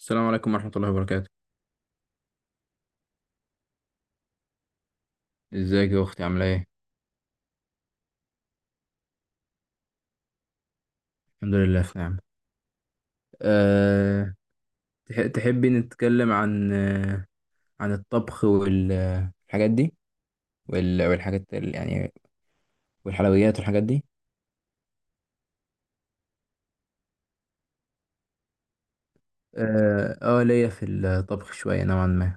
السلام عليكم ورحمة الله وبركاته. ازيك يا أختي، عاملة ايه؟ الحمد لله في نعمة. أه. تحبي نتكلم عن عن الطبخ والحاجات دي، والحاجات يعني، والحلويات والحاجات دي. ليا في الطبخ شوية نوعا ما.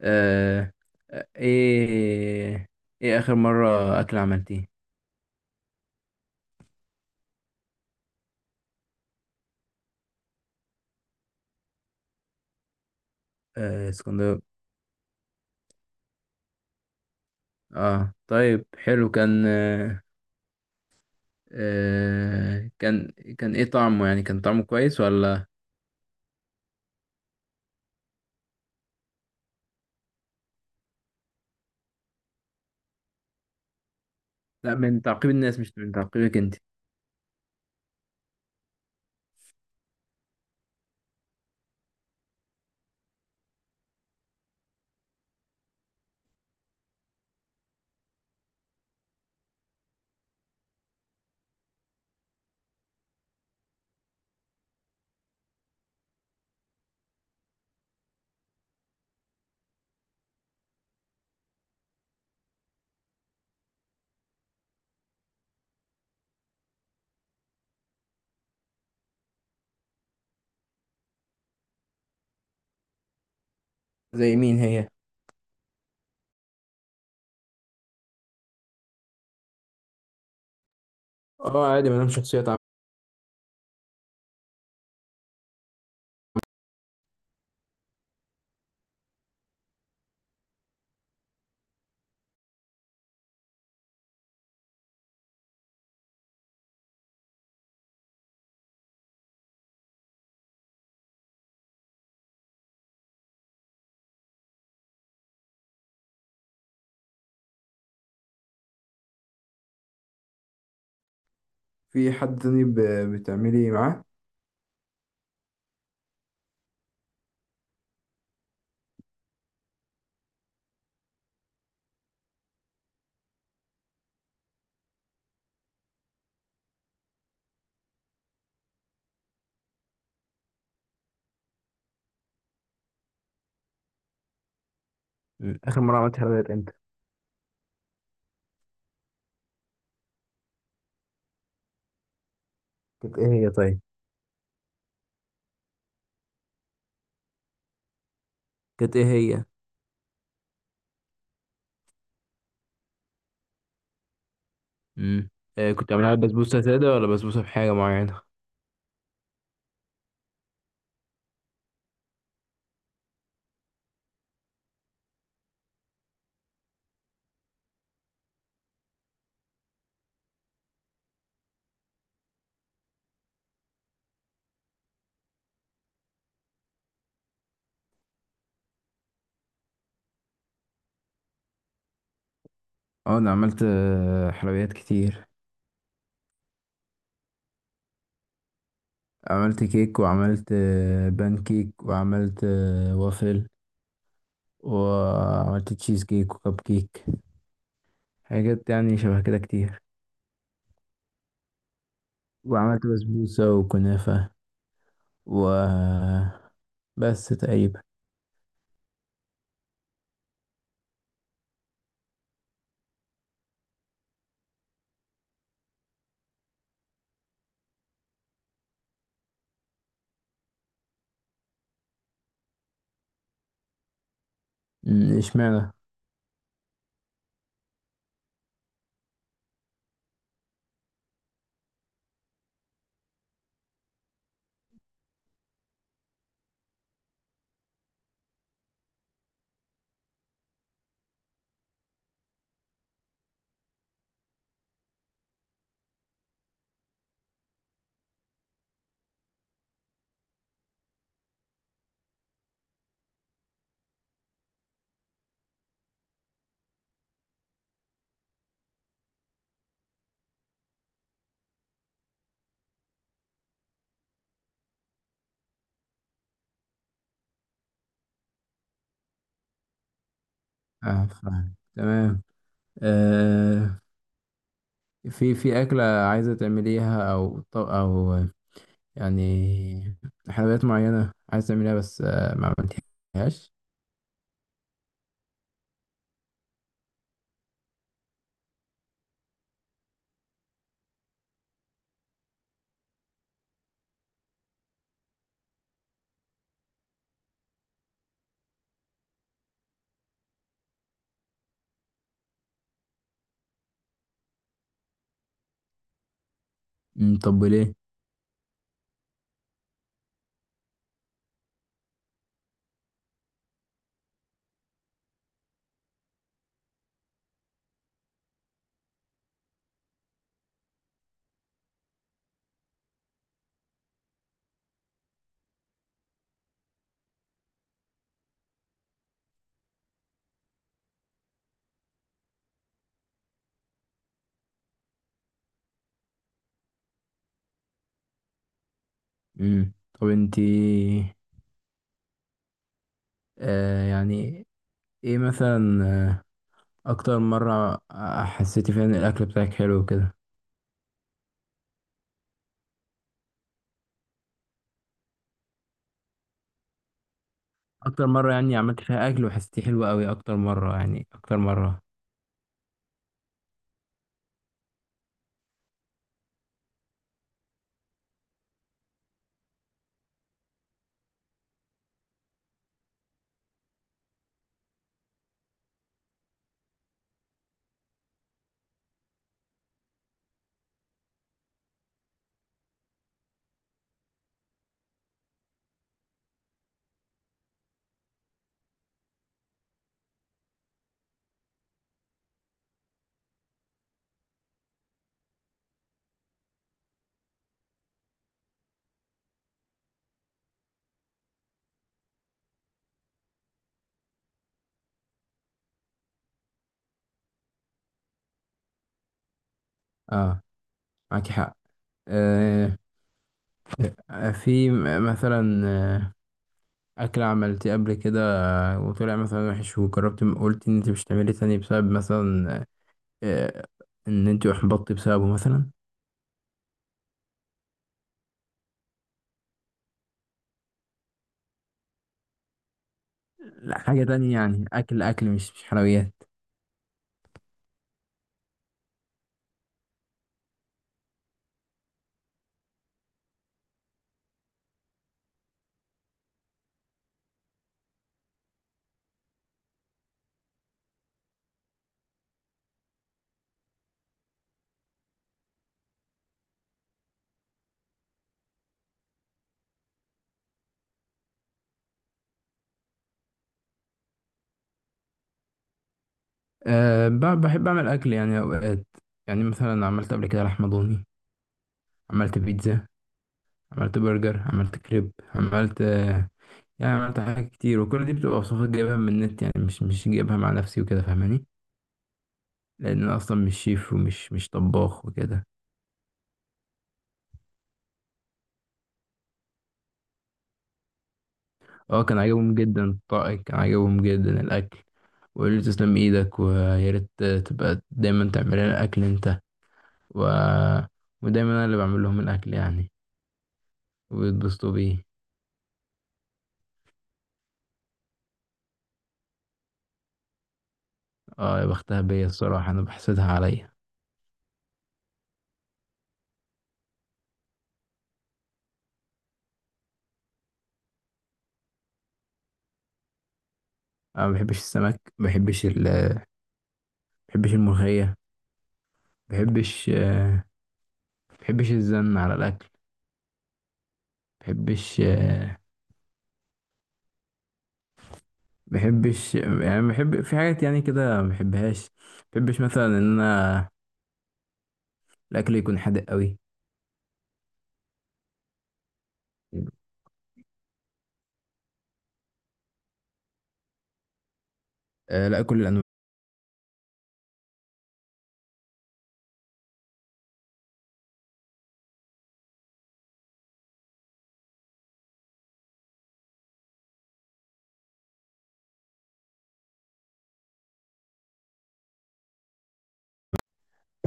أه آه، ايه ايه آخر مرة أكل عملتيه؟ اسكندر. اه طيب، حلو. آه، كان كان ايه طعمه؟ يعني كان طعمه كويس ولا؟ لا، من تعقيب الناس مش من تعقيبك انت. زي مين هي؟ اه عادي، ما دام شخصية تعب. في حد تاني بتعملي معاه؟ اخر مرة عملت حلويات امتى؟ كانت ايه هي، طيب؟ كانت ايه هي؟ امم. كنت عاملها بسبوسة سادة ولا بسبوسة بحاجة معينة؟ اه انا عملت حلويات كتير. عملت كيك، وعملت بان كيك، وعملت وافل، وعملت تشيز كيك وكب كيك. حاجات يعني شبه كده كتير. وعملت بسبوسة وكنافة، و بس تقريبا. اشمعنى؟ اه فاهم تمام. آه في أكلة عايزة تعمليها، أو يعني حلويات معينة عايزة تعمليها، بس ما عملتيهاش؟ طب ليه؟ أمم، طب انتي، يعني، ايه مثلا أكتر مرة حسيتي فيها إن الأكل بتاعك حلو كده؟ أكتر مرة يعني عملتي فيها أكل وحسيتيه حلو أوي، أكتر مرة يعني أكتر مرة؟ اه معاكي حق. آه، في مثلا أكلة عملتيه قبل كده، وطلع مثلا وحش، وجربت قلت إن أنت مش هتعملي تاني بسبب مثلا، آه، إن أنت أحبطتي بسببه مثلا. لا، حاجة تانية يعني، أكل مش حلويات. بحب أعمل أكل يعني أوقات. يعني مثلا عملت قبل كده لحمة ضاني، عملت بيتزا، عملت برجر، عملت كريب، عملت يعني عملت حاجات كتير. وكل دي بتبقى وصفات جايبها من النت يعني، مش جايبها مع نفسي وكده، فاهماني؟ لان انا اصلا مش شيف، ومش مش طباخ وكده. اه كان عاجبهم جدا الطاقة، كان عاجبهم جدا الاكل. وقالوا لي تسلم ايدك، ويا ريت تبقى دايما تعمل لنا الاكل انت، و... ودايما انا اللي بعمل لهم الاكل يعني، ويتبسطوا بيه. اه يا بختها بيا، الصراحة انا بحسدها عليا. انا ما بحبش السمك، ما بحبش ما بحبش الملوخية، ما بحبش ما بحبش الزن على الاكل، ما بحبش ما بحبش يعني، بحب في حاجات يعني كده ما بحبهاش، ما بحبش مثلا ان انا الاكل يكون حادق قوي. آه، لا، كل الانواع.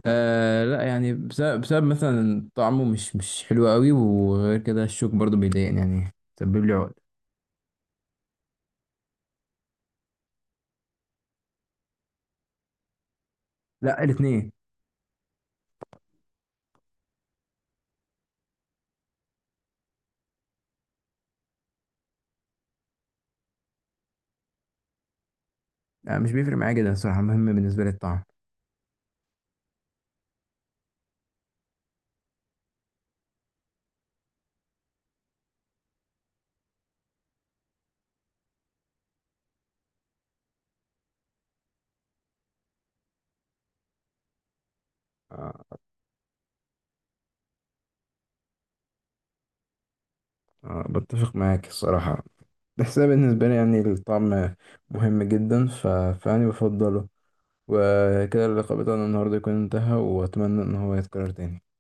آه، لا يعني، بسبب, مثلا طعمه مش حلو قوي، وغير كده الشوك برضو بيضايقني يعني. سبب لي عقد. لا، الاثنين. لا، مش بيفرق معايا جدا الصراحه. مهم بالنسبه لي الطعم. آه. آه، بتفق معاك الصراحة، بس أنا بالنسبة لي يعني الطعم مهم جدا، فأنا بفضله. وكده اللقاء بتاعنا النهاردة يكون انتهى، وأتمنى إن هو يتكرر تاني.